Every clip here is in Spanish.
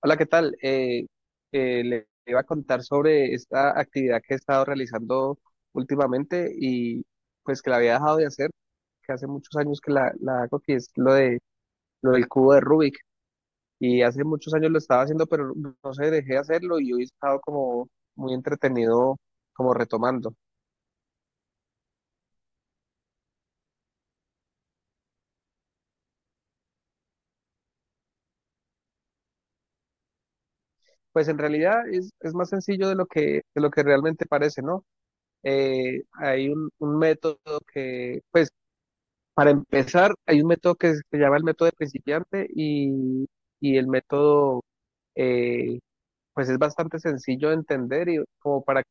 Hola, ¿qué tal? Le iba a contar sobre esta actividad que he estado realizando últimamente y pues que la había dejado de hacer, que hace muchos años que la hago, que es lo del cubo de Rubik. Y hace muchos años lo estaba haciendo, pero no sé, dejé de hacerlo y hoy he estado como muy entretenido como retomando. Pues en realidad es más sencillo de lo que realmente parece, ¿no? Hay un método que, pues Para empezar, hay un método que se llama el método de principiante y el método, eh, pues es bastante sencillo de entender y como para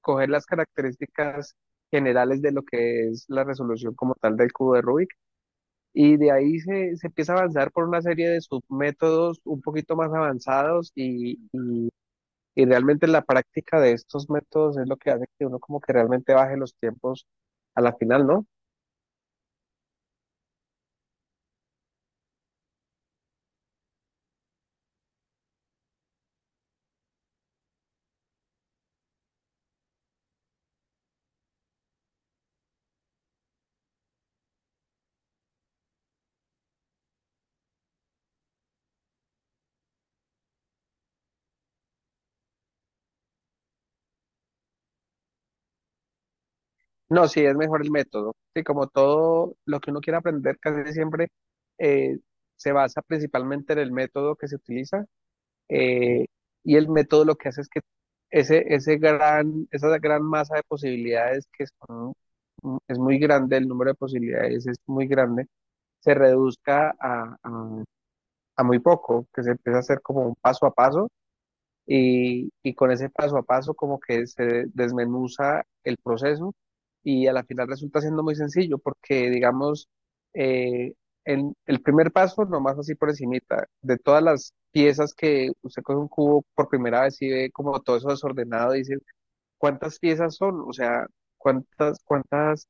coger las características generales de lo que es la resolución como tal del cubo de Rubik. Y de ahí se empieza a avanzar por una serie de submétodos un poquito más avanzados y realmente la práctica de estos métodos es lo que hace que uno como que realmente baje los tiempos a la final, ¿no? No, sí, es mejor el método. Sí, como todo lo que uno quiere aprender, casi siempre eh, se basa principalmente en el método que se utiliza. eh, y el método lo que hace es que esa gran masa de posibilidades que son, mm, es muy grande, el número de posibilidades es muy grande, se reduzca a muy poco, que se empiece a hacer como un paso a paso y con ese paso a paso como que se desmenuza el proceso y a la final resulta siendo muy sencillo porque digamos eh, en el primer paso nomás así por encimita de todas las piezas que usted coge un cubo por primera vez y ve como todo eso desordenado dice cuántas piezas son, o sea, cuántas cuántas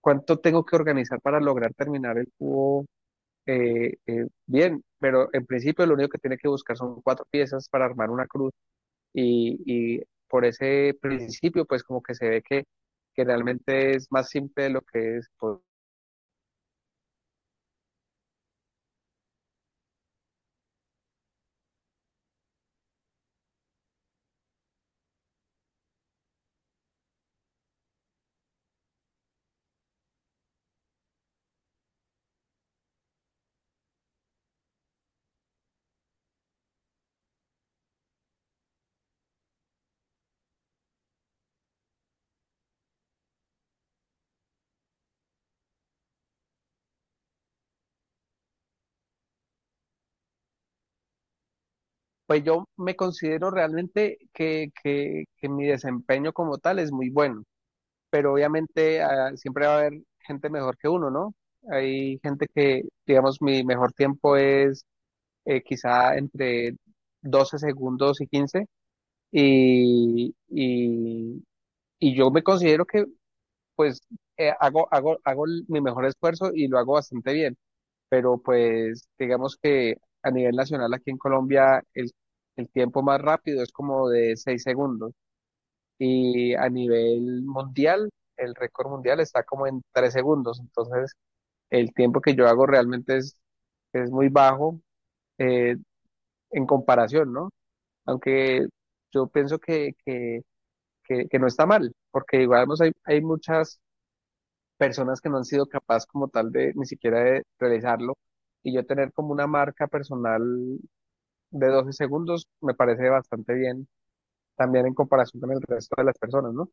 cuánto tengo que organizar para lograr terminar el cubo. Bien, pero en principio lo único que tiene que buscar son cuatro piezas para armar una cruz y por ese principio, pues como que se ve que realmente es más simple de lo que es. Pues yo me considero realmente que mi desempeño como tal es muy bueno, pero obviamente, siempre va a haber gente mejor que uno, ¿no? Hay gente que, digamos, mi mejor tiempo es, quizá entre 12 segundos y 15, y, y, y yo me considero que pues mi mejor esfuerzo y lo hago bastante bien, pero pues digamos que a nivel nacional aquí en Colombia el tiempo más rápido es como de 6 segundos, y a nivel mundial el récord mundial está como en 3 segundos. Entonces el tiempo que yo hago realmente es muy bajo eh, en comparación, ¿no? Aunque yo pienso que no está mal, porque digamos, hay muchas personas que no han sido capaces como tal de ni siquiera de realizarlo, y yo tener como una marca personal de 12 segundos me parece bastante bien también en comparación con el resto de las personas, ¿no?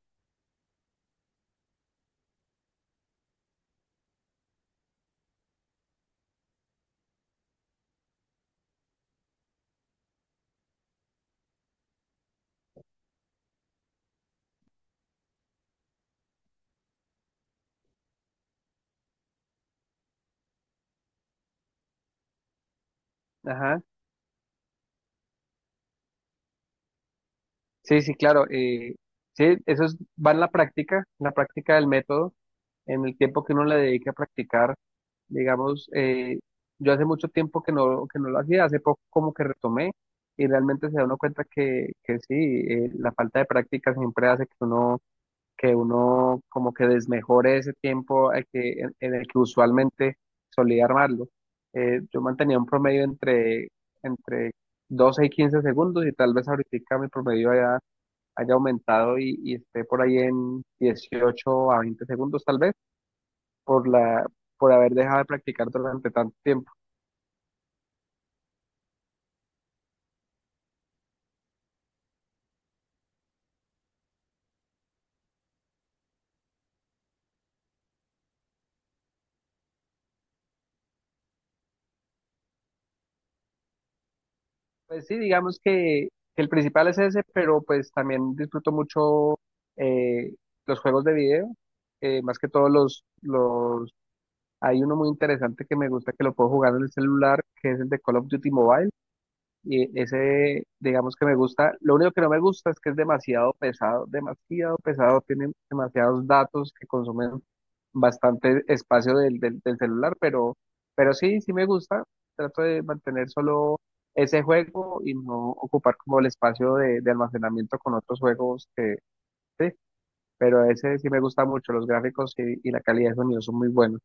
Ajá. Sí, sí, claro. Sí, va en la práctica del método, en el tiempo que uno le dedique a practicar. Digamos, yo hace mucho tiempo que no lo hacía, hace poco como que retomé, y realmente se da uno cuenta que sí, la falta de práctica siempre hace que uno como que desmejore ese tiempo en el que usualmente solía armarlo. Yo mantenía un promedio entre 12 y 15 segundos, y tal vez ahorita mi promedio haya aumentado y esté por ahí en 18 a 20 segundos tal vez, por la, por haber dejado de practicar durante tanto tiempo. Pues sí, digamos que el principal es ese, pero pues también disfruto mucho, eh, los juegos de video. Más que todos los Hay uno muy interesante que me gusta que lo puedo jugar en el celular, que es el de Call of Duty Mobile. Y ese, digamos que me gusta. Lo único que no me gusta es que es demasiado pesado, demasiado pesado. Tiene demasiados datos que consumen bastante espacio del celular, pero sí, sí me gusta. Trato de mantener solo ese juego y no ocupar como el espacio de almacenamiento con otros juegos sí, pero ese sí me gusta mucho. Los gráficos y la calidad de sonido son muy buenos.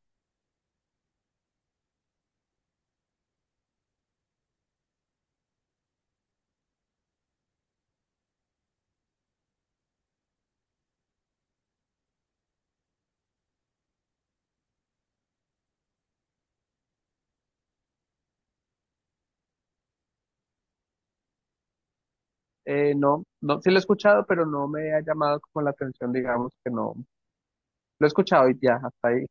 No, no, sí lo he escuchado, pero no me ha llamado como la atención, digamos que no. Lo he escuchado y ya, hasta ahí.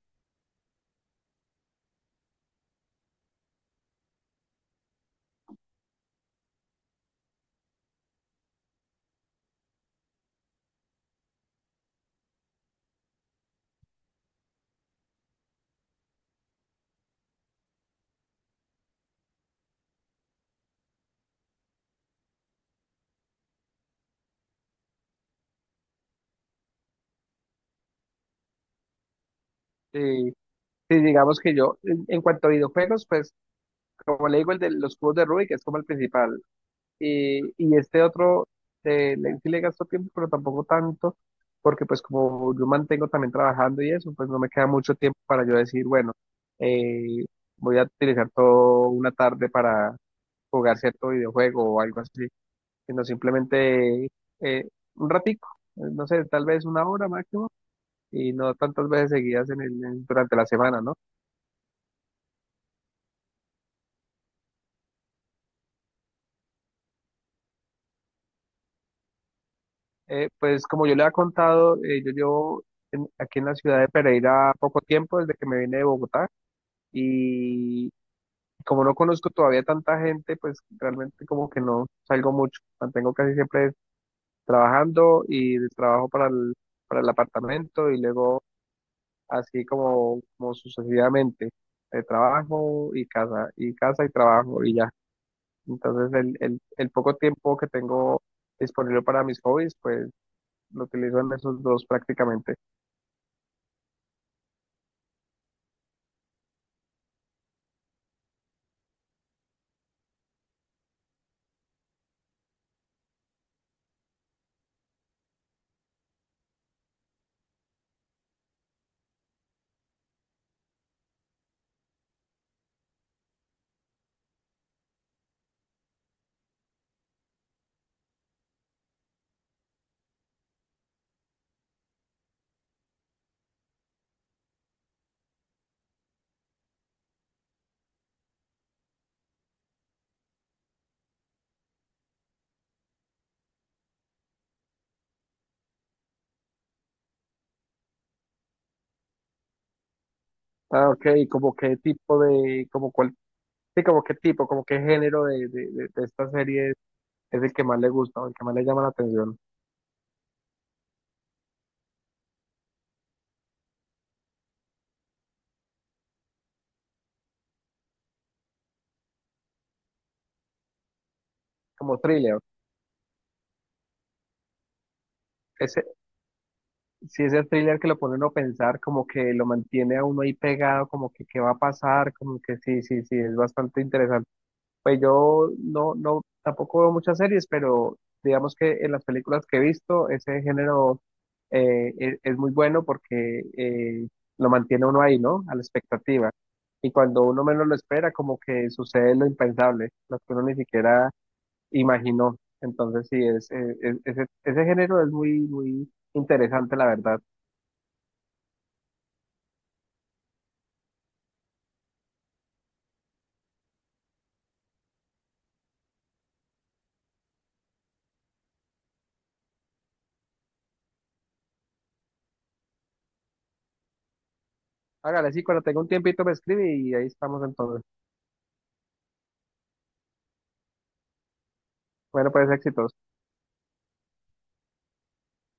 Sí, sí, digamos que yo, en cuanto a videojuegos, pues, como le digo, el de los cubos de Rubik es como el principal. Y este otro, sí le gasto tiempo, pero tampoco tanto, porque pues como yo mantengo también trabajando y eso, pues no me queda mucho tiempo para yo decir, bueno, eh, voy a utilizar toda una tarde para jugar cierto videojuego o algo así, sino simplemente eh, un ratico, no sé, tal vez una hora máximo, y no tantas veces seguidas durante la semana, ¿no? Pues como yo le había contado, yo llevo aquí en la ciudad de Pereira poco tiempo desde que me vine de Bogotá, y como no conozco todavía tanta gente, pues realmente como que no salgo mucho, mantengo casi siempre trabajando y de trabajo para para el apartamento, y luego así como sucesivamente, de trabajo y casa, y casa y trabajo y ya. Entonces el poco tiempo que tengo disponible para mis hobbies, pues lo utilizo en esos dos prácticamente. Ah, ok, ¿y como qué tipo como cuál, sí, como qué tipo, como qué género de esta serie es el que más le gusta o el que más le llama la atención? Como thriller. Ese, si ese thriller que lo pone uno a pensar, como que lo mantiene a uno ahí pegado, como que qué va a pasar, como que sí, sí, sí, es bastante interesante. Pues yo no, no, tampoco veo muchas series, pero digamos que en las películas que he visto, ese género es muy bueno porque lo mantiene uno ahí, ¿no? A la expectativa. Y cuando uno menos lo espera, como que sucede lo impensable, lo que uno ni siquiera imaginó. Entonces, sí, ese género es muy, muy interesante, la verdad. Hágale, sí, cuando tenga un tiempito me escribe y ahí estamos entonces. Bueno, pues éxitos.